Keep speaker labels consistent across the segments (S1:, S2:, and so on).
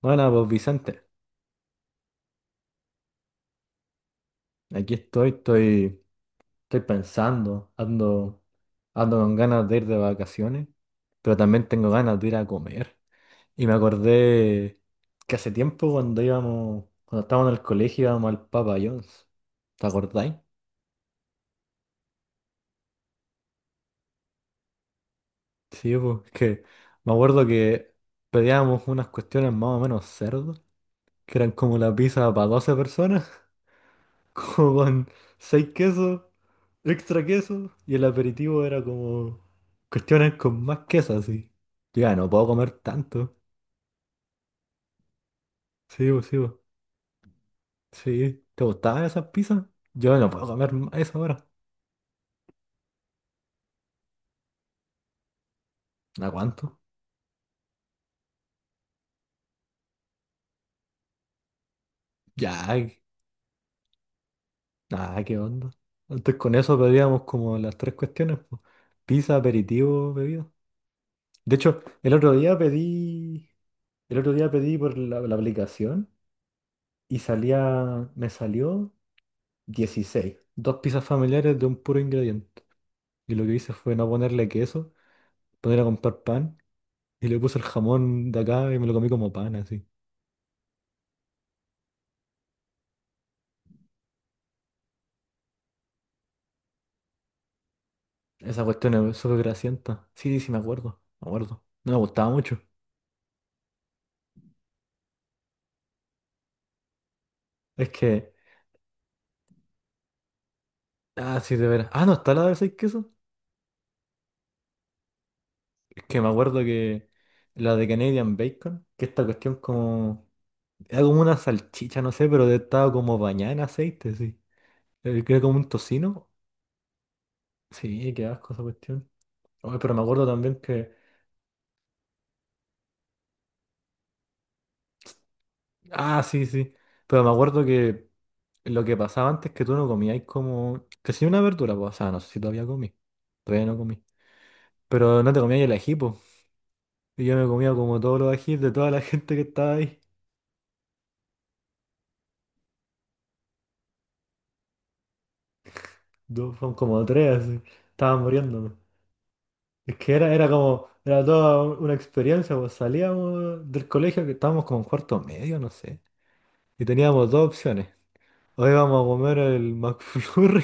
S1: Bueno, pues Vicente, aquí estoy pensando, ando con ganas de ir de vacaciones, pero también tengo ganas de ir a comer. Y me acordé que hace tiempo cuando estábamos en el colegio íbamos al Papa John's. ¿Te acordáis? Sí, pues es que me acuerdo que pedíamos unas cuestiones más o menos cerdas, que eran como la pizza para 12 personas, como con 6 quesos, extra queso, y el aperitivo era como cuestiones con más queso así. Yo ya no puedo comer tanto. Sí, pues, sí, pues. Sí. ¿Te gustaban esas pizzas? Yo no puedo comer más eso ahora. ¿A cuánto? Ya, nada, qué onda. Antes con eso pedíamos como las tres cuestiones, pues. Pizza, aperitivo, bebida. De hecho, el otro día pedí por la aplicación me salió 16. Dos pizzas familiares de un puro ingrediente. Y lo que hice fue no ponerle queso, poner a comprar pan. Y le puse el jamón de acá y me lo comí como pan, así. Esa cuestión es súper grasienta. Sí, sí, me acuerdo. Me acuerdo. No me gustaba mucho. Es que. Ah, sí, de veras. Ah, no, está la de seis quesos. Es que me acuerdo que la de Canadian Bacon, que esta cuestión como. Era como una salchicha, no sé, pero estaba como bañada en aceite, sí. Que era como un tocino. Sí, qué asco esa cuestión. Oye, pero me acuerdo también que. Ah, sí, sí. Pero me acuerdo que. Lo que pasaba antes que tú no comías como casi una verdura, pues, o sea, no sé si todavía comí, todavía no comí, pero no te comías el ají, pues. Y yo me comía como todos los ajís de toda la gente que estaba ahí, son como tres, así, estaban muriéndome. Es que era toda una experiencia, pues salíamos del colegio que estábamos como en cuarto medio, no sé, y teníamos dos opciones, o íbamos a comer el McFlurry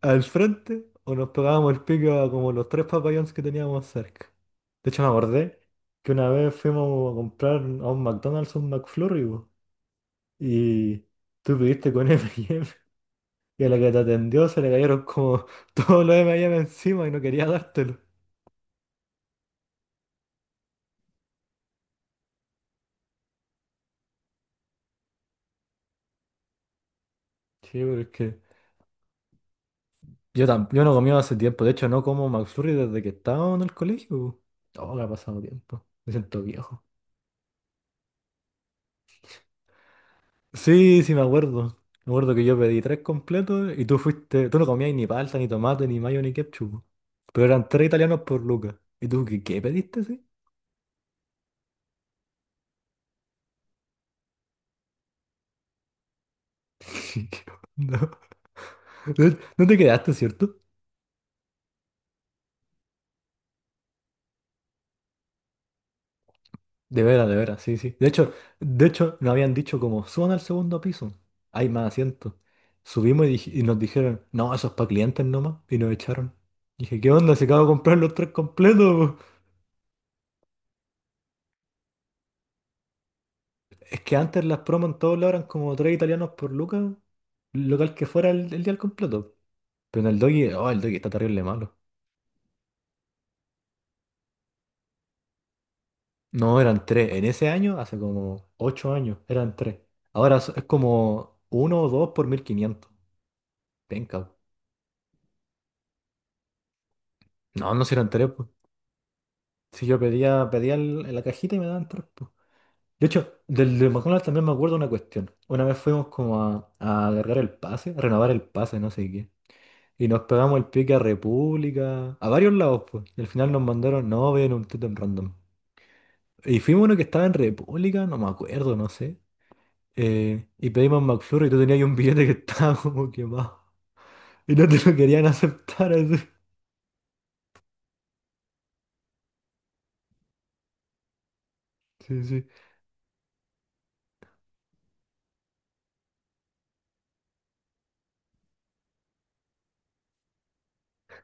S1: al frente o nos pegábamos el pico a como los tres papayons que teníamos cerca. De hecho, me acordé que una vez fuimos a comprar a un McDonald's un McFlurry po, y tú pidiste con M&M y eme, y a la que te atendió se le cayeron como todos los M&M encima y no quería dártelo. Sí, pero es que yo no comía hace tiempo. De hecho, no como McFlurry desde que estaba en el colegio. Po. Oh, que ha pasado tiempo. Me siento viejo. Sí, sí, me acuerdo. Me acuerdo que yo pedí tres completos y tú fuiste. Tú no comías ni palta, ni tomate, ni mayo, ni ketchup. Po. Pero eran tres italianos por lucas. ¿Y tú qué pediste, sí? ¿Qué onda? No, no te quedaste, ¿cierto? De veras, sí, sí. De hecho, nos habían dicho como, suban al segundo piso. Hay más asientos. Subimos y, y nos dijeron, no, eso es para clientes nomás. Y nos echaron. Dije, ¿qué onda? Se acaba de comprar los tres completos. Es que antes las promos en todos lados eran como tres italianos por lucas, local que fuera el día al completo. Pero en el Doggy, oh, el Doggy está terrible malo. No, eran tres. En ese año, hace como 8 años, eran tres. Ahora es como uno o dos por 1500. Venga. No, no si eran tres, pues. Si yo pedía, pedía en la cajita y me daban tres, pues. De hecho, del de McDonald's también me acuerdo una cuestión. Una vez fuimos como a agarrar el pase, a renovar el pase, no sé qué. Y nos pegamos el pique a República, a varios lados, pues. Y al final nos mandaron, no, vayan a un tótem random. Y fuimos uno que estaba en República, no me acuerdo, no sé. Y pedimos McFlurry y tú tenías ahí un billete que estaba como quemado. Y no te lo querían aceptar así. Sí, sí.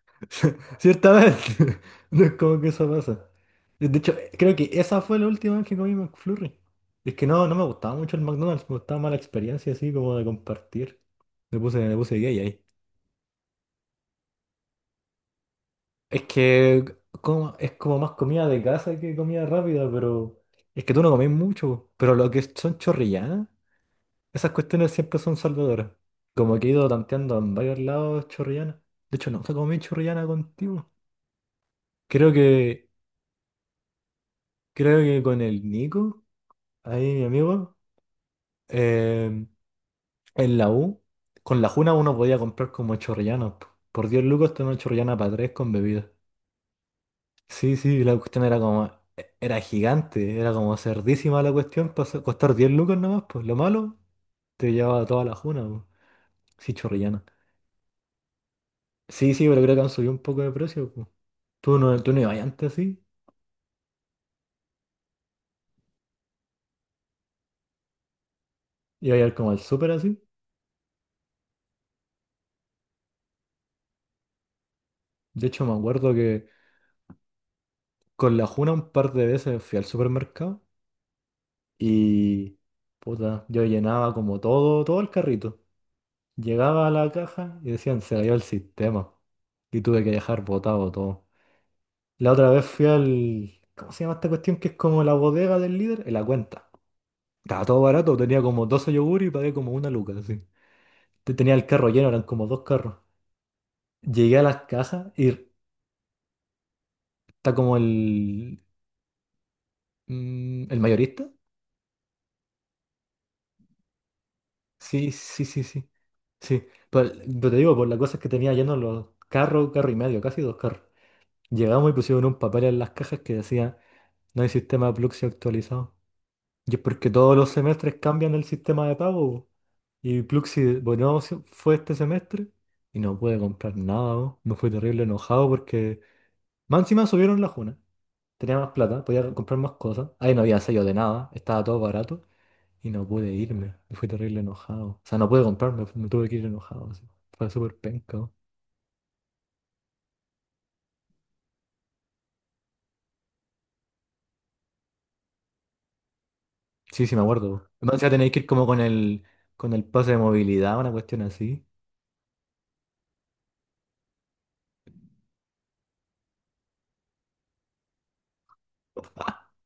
S1: Ciertamente. No es como que eso pasa. De hecho, creo que esa fue la última vez que comí McFlurry. Es que no, no me gustaba mucho el McDonald's, me gustaba más la experiencia así como de compartir. Me puse gay ahí. Es que es como más comida de casa que comida rápida, pero es que tú no comés mucho. Pero lo que son chorrillanas, esas cuestiones siempre son salvadoras. Como que he ido tanteando en varios lados chorrillanas. De hecho, nunca comí chorrillana contigo. Creo que, Creo que con el Nico, ahí mi amigo, eh, en la U, con la Juna uno podía comprar como chorrillanas. Po. Por 10 lucas tenía una chorrillana para tres con bebida. Sí, sí, la cuestión era gigante, era como cerdísima la cuestión, pasó, costar 10 lucas nomás, pues lo malo, te llevaba toda la juna, pues. Sí, chorrillana. Sí, sí, pero creo que han subido un poco de precio, pues. Tú no ibas antes así, ibas a ir como al súper así. De hecho, me acuerdo que con la juna un par de veces fui al supermercado y, puta, yo llenaba como todo, todo el carrito. Llegaba a la caja y decían, se cayó el sistema. Y tuve que dejar botado todo. La otra vez fui al... ¿Cómo se llama esta cuestión? Que es como la bodega del líder. En la cuenta. Estaba todo barato. Tenía como 12 yogur y pagué como una luca, así. Tenía el carro lleno, eran como dos carros. Llegué a las cajas y está como el... ¿El mayorista? Sí, sí, sí, sí. Sí. Pero te digo, por la cosa es que tenía lleno los carros, carro y medio, casi dos carros. Llegamos y pusieron un papel en las cajas que decía, no hay sistema de Pluxee actualizado. Y es porque todos los semestres cambian el sistema de pago. Po. Y Pluxi, bueno, fue este semestre y no pude comprar nada. Po. Me fui terrible enojado porque más encima subieron la juna. Tenía más plata, podía comprar más cosas. Ahí no había sello de nada, estaba todo barato y no pude irme. Me fui terrible enojado. O sea, no pude comprarme, me tuve que ir enojado. Así. Fue súper penca. Po. Sí, sí, me acuerdo. Po. Más encima tenéis que ir como con el pase de movilidad, una cuestión así.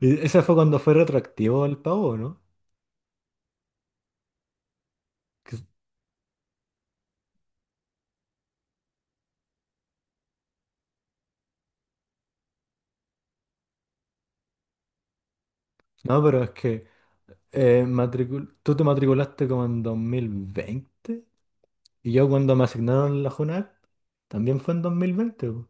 S1: Y ese fue cuando fue retroactivo el pago, ¿no? No, pero es que tú te matriculaste como en 2020 y yo cuando me asignaron la JUNAC también fue en 2020. Po.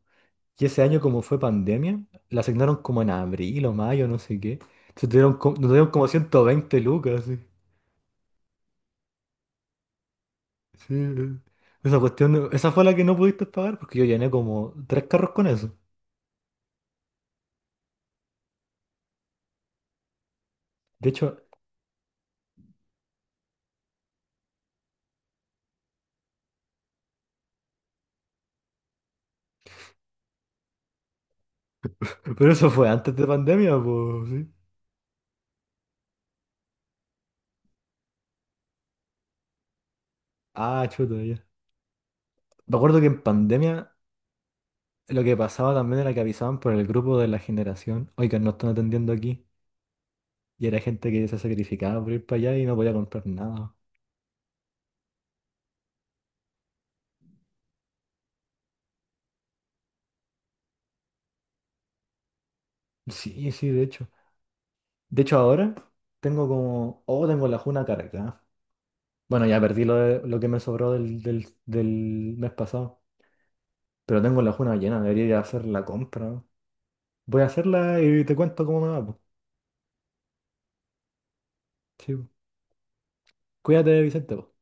S1: Y ese año como fue pandemia, la asignaron como en abril o mayo, no sé qué. Entonces nos dieron como 120 lucas. Sí. Sí. Esa cuestión, esa fue la que no pudiste pagar porque yo llené como tres carros con eso. De hecho, pero eso fue antes de pandemia, pues, sí. Ah, chuta, ya. Me acuerdo que en pandemia, lo que pasaba también era que avisaban por el grupo de la generación, oigan, no están atendiendo aquí. Y era gente que se sacrificaba por ir para allá y no podía comprar nada. Sí, sí, de hecho. De hecho, ahora tengo como, oh, tengo la juna cargada. Bueno, ya perdí lo que me sobró del mes pasado. Pero tengo la juna llena, debería ir a hacer la compra. Voy a hacerla y te cuento cómo me va. Po. Sí. po. Cuídate, Vicente. Po.